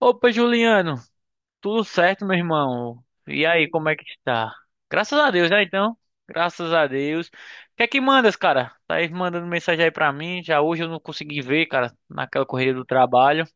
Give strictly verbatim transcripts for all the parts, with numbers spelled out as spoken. Opa, Juliano, tudo certo, meu irmão? E aí, como é que está? Graças a Deus, né, então? Graças a Deus. O que é que mandas, cara? Tá aí mandando mensagem aí pra mim. Já hoje eu não consegui ver, cara, naquela correria do trabalho.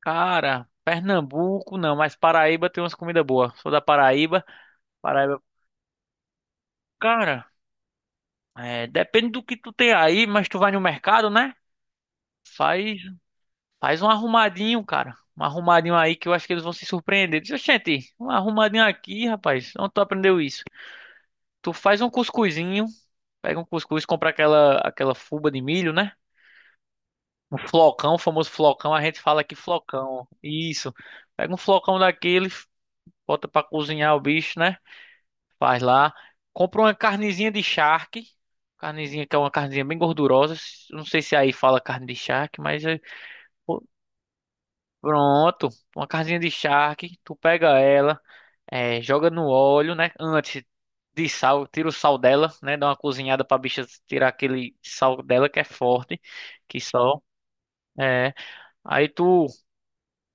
Cara, Pernambuco não, mas Paraíba tem umas comidas boas. Sou da Paraíba. Paraíba, cara, é, depende do que tu tem aí, mas tu vai no mercado, né? Faz Faz um arrumadinho, cara. Um arrumadinho aí que eu acho que eles vão se surpreender. Diz, gente, um arrumadinho aqui, rapaz. Onde tu aprendeu isso? Tu faz um cuscuzinho, pega um cuscuz, compra aquela, aquela fuba de milho, né? Um flocão, o famoso flocão. A gente fala aqui flocão. Isso. Pega um flocão daquele, bota pra cozinhar o bicho, né? Faz lá. Compra uma carnezinha de charque. Carnezinha que é uma carnezinha bem gordurosa. Não sei se aí fala carne de charque, mas é- pronto. Uma carnezinha de charque. Tu pega ela. É, joga no óleo, né? Antes de sal, tira o sal dela, né? Dá uma cozinhada pra bicha tirar aquele sal dela que é forte, que sal. É. Aí tu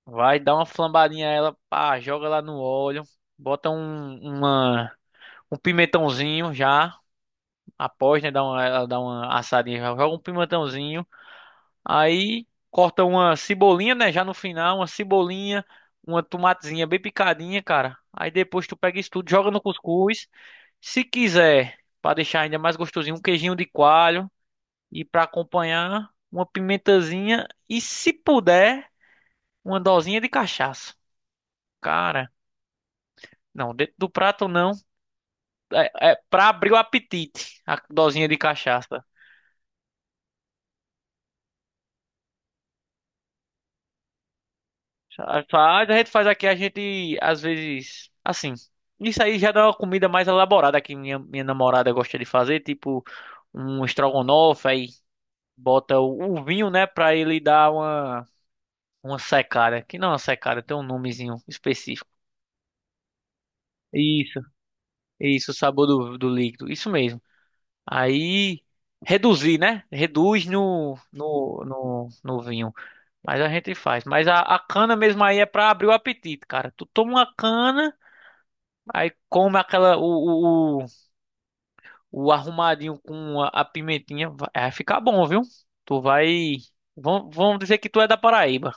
vai dar uma flambadinha a ela, pá, joga lá no óleo, bota um, uma, um pimentãozinho já, após, né? Dá uma, ela dá uma assadinha, já joga um pimentãozinho. Aí corta uma cebolinha, né? Já no final, uma cebolinha, uma tomatezinha bem picadinha, cara. Aí depois tu pega isso tudo, joga no cuscuz. Se quiser, para deixar ainda mais gostosinho, um queijinho de coalho e para acompanhar uma pimentazinha e se puder, uma dosinha de cachaça. Cara, não, dentro do prato não, é, é para abrir o apetite, a dosinha de cachaça. A Faz, a gente faz aqui, a gente às vezes, assim, isso aí já dá uma comida mais elaborada que minha, minha namorada gosta de fazer, tipo um estrogonofe, aí bota o, o vinho, né, para ele dar uma Uma secada, que não é uma secada, tem um nomezinho específico. Isso, isso, o sabor do, do líquido, isso mesmo. Aí, reduzir, né? Reduz no, no, no, no vinho. Mas a gente faz. Mas a, a cana mesmo aí é pra abrir o apetite, cara. Tu toma uma cana, aí come aquela, o, o, o, o arrumadinho com a, a pimentinha, vai, vai ficar bom, viu? Tu vai. Vão, vão dizer que tu é da Paraíba.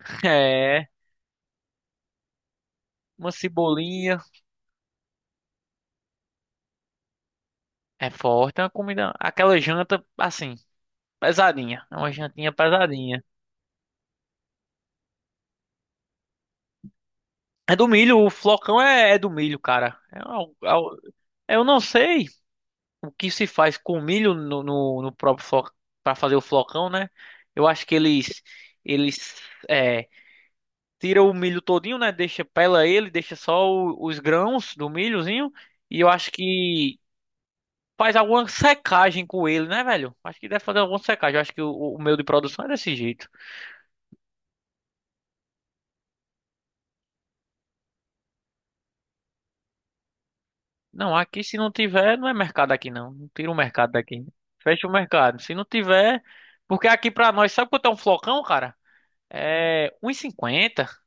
É, uma cebolinha, é forte, é uma comida. Aquela janta, assim. Pesadinha. É uma jantinha pesadinha. É do milho, o flocão é, é do milho, cara. É al- al- eu não sei o que se faz com milho no, no, no próprio flocão, para fazer o flocão, né? Eu acho que eles, eles é, tiram o milho todinho, né? Deixa, pela ele, deixa só o- os grãos do milhozinho. E eu acho que faz alguma secagem com ele, né, velho? Acho que deve fazer alguma secagem. Eu acho que o, o meu de produção é desse jeito. Não, aqui se não tiver, não é mercado aqui não. Não tira o mercado daqui. Fecha o mercado. Se não tiver, porque aqui pra nós, sabe quanto é um flocão, cara? É um e cinquenta e cinquenta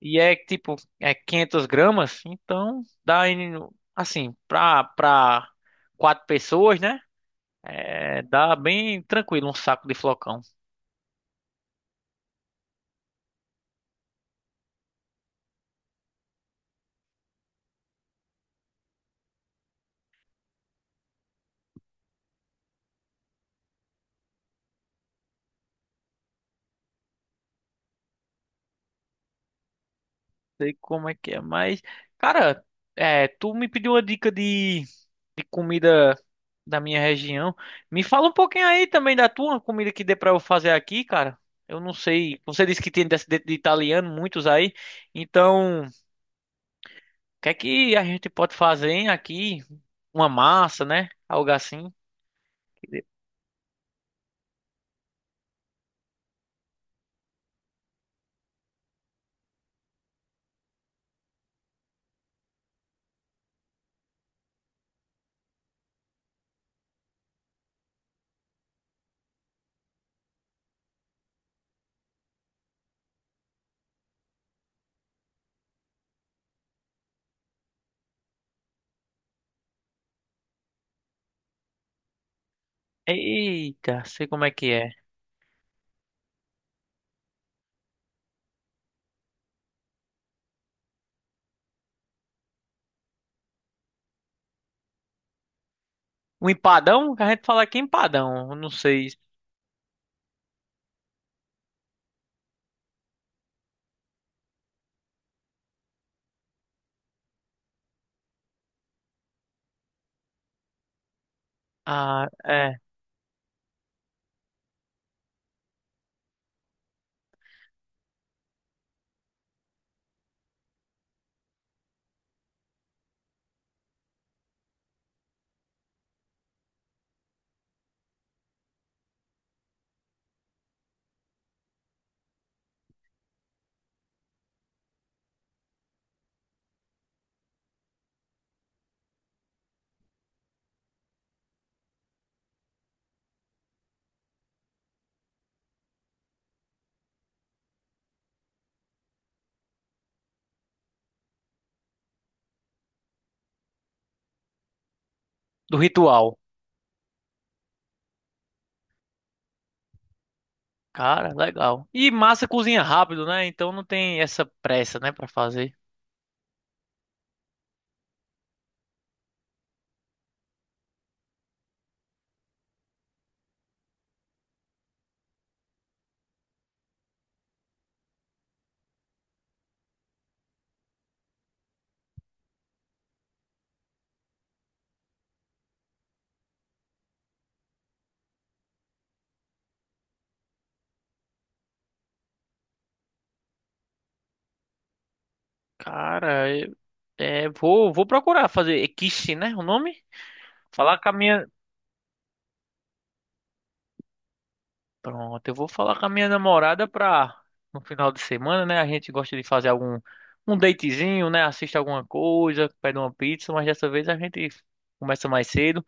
e é tipo, é quinhentos gramas, então dá aí assim, pra, pra quatro pessoas, né? É, dá bem tranquilo um saco de flocão. Sei como é que é, mas, cara, é, tu me pediu uma dica de, de comida da minha região. Me fala um pouquinho aí também da tua comida que dê pra eu fazer aqui, cara. Eu não sei, você disse que tem descendente de italiano, muitos aí. Então, o que é que a gente pode fazer hein, aqui? Uma massa, né? Algo assim. Eita, sei como é que é. Um empadão? A gente fala aqui empadão, eu não sei. Ah, é, do ritual. Cara, legal. E massa cozinha rápido, né? Então não tem essa pressa, né, pra fazer. Cara, eu- é, vou, vou procurar fazer. É quiche, né? O nome? Falar com a minha. Pronto, eu vou falar com a minha namorada pra. No final de semana, né? A gente gosta de fazer algum. Um datezinho, né? Assiste alguma coisa, pede uma pizza, mas dessa vez a gente começa mais cedo,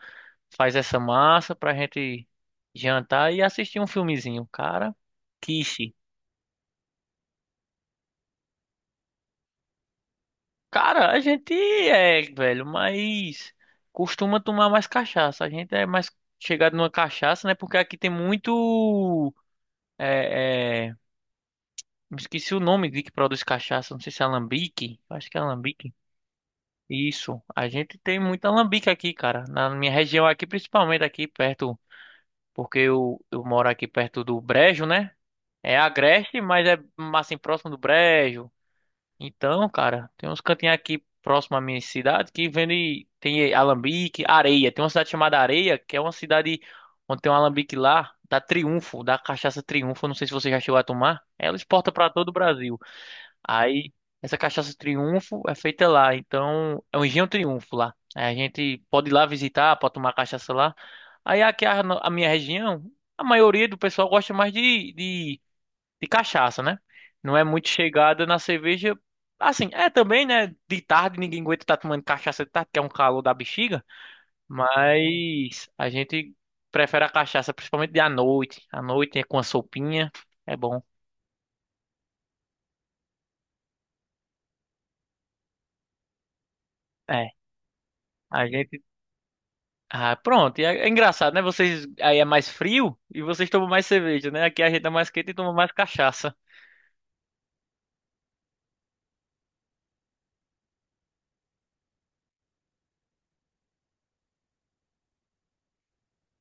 faz essa massa pra gente jantar e assistir um filmezinho. Cara, quiche. Cara, a gente é, velho, mas costuma tomar mais cachaça. A gente é mais chegado numa cachaça, né? Porque aqui tem muito. É, é, me esqueci o nome de que produz cachaça. Não sei se é alambique. Acho que é alambique. Isso. A gente tem muito alambique aqui, cara. Na minha região aqui, principalmente aqui perto. Porque eu, eu moro aqui perto do Brejo, né? É Agreste, mas é assim, próximo do Brejo. Então, cara, tem uns cantinhos aqui próximo à minha cidade que vende. Tem alambique, areia. Tem uma cidade chamada Areia, que é uma cidade onde tem um alambique lá, da Triunfo, da cachaça Triunfo. Não sei se você já chegou a tomar. Ela exporta para todo o Brasil. Aí, essa cachaça Triunfo é feita lá. Então, é um engenho Triunfo lá. Aí a gente pode ir lá visitar, pode tomar cachaça lá. Aí, aqui a, a minha região, a maioria do pessoal gosta mais de, de de cachaça, né? Não é muito chegada na cerveja. Assim, é também, né? De tarde ninguém aguenta estar tomando cachaça de tarde, que é um calor da bexiga. Mas a gente prefere a cachaça, principalmente de à noite. À noite é com a sopinha, é bom. É, a gente. Ah, pronto. E É, é engraçado, né? Vocês aí é mais frio e vocês tomam mais cerveja, né? Aqui a gente é mais quente e toma mais cachaça.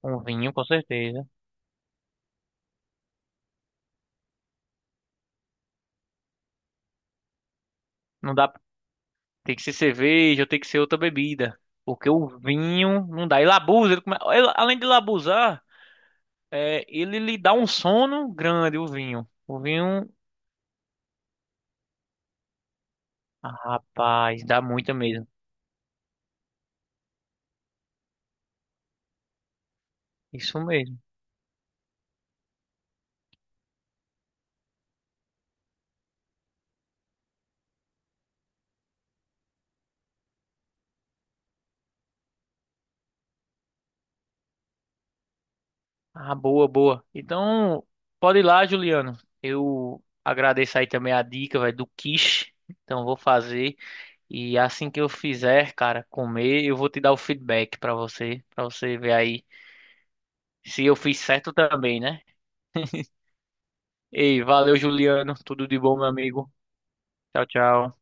Um vinho, com certeza. Não dá. Tem que ser cerveja ou tem que ser outra bebida. Porque o vinho não dá. Ele abusa, ele come- ele- além de ele abusar, é, ele lhe dá um sono grande, o vinho. O vinho, ah, rapaz, dá muita mesmo. Isso mesmo. Ah, boa, boa. Então, pode ir lá, Juliano. Eu agradeço aí também a dica, velho, do quiche. Então, vou fazer. E assim que eu fizer, cara, comer, eu vou te dar o feedback pra você, pra você ver aí se eu fiz certo também, né? Ei, valeu, Juliano. Tudo de bom, meu amigo. Tchau, tchau.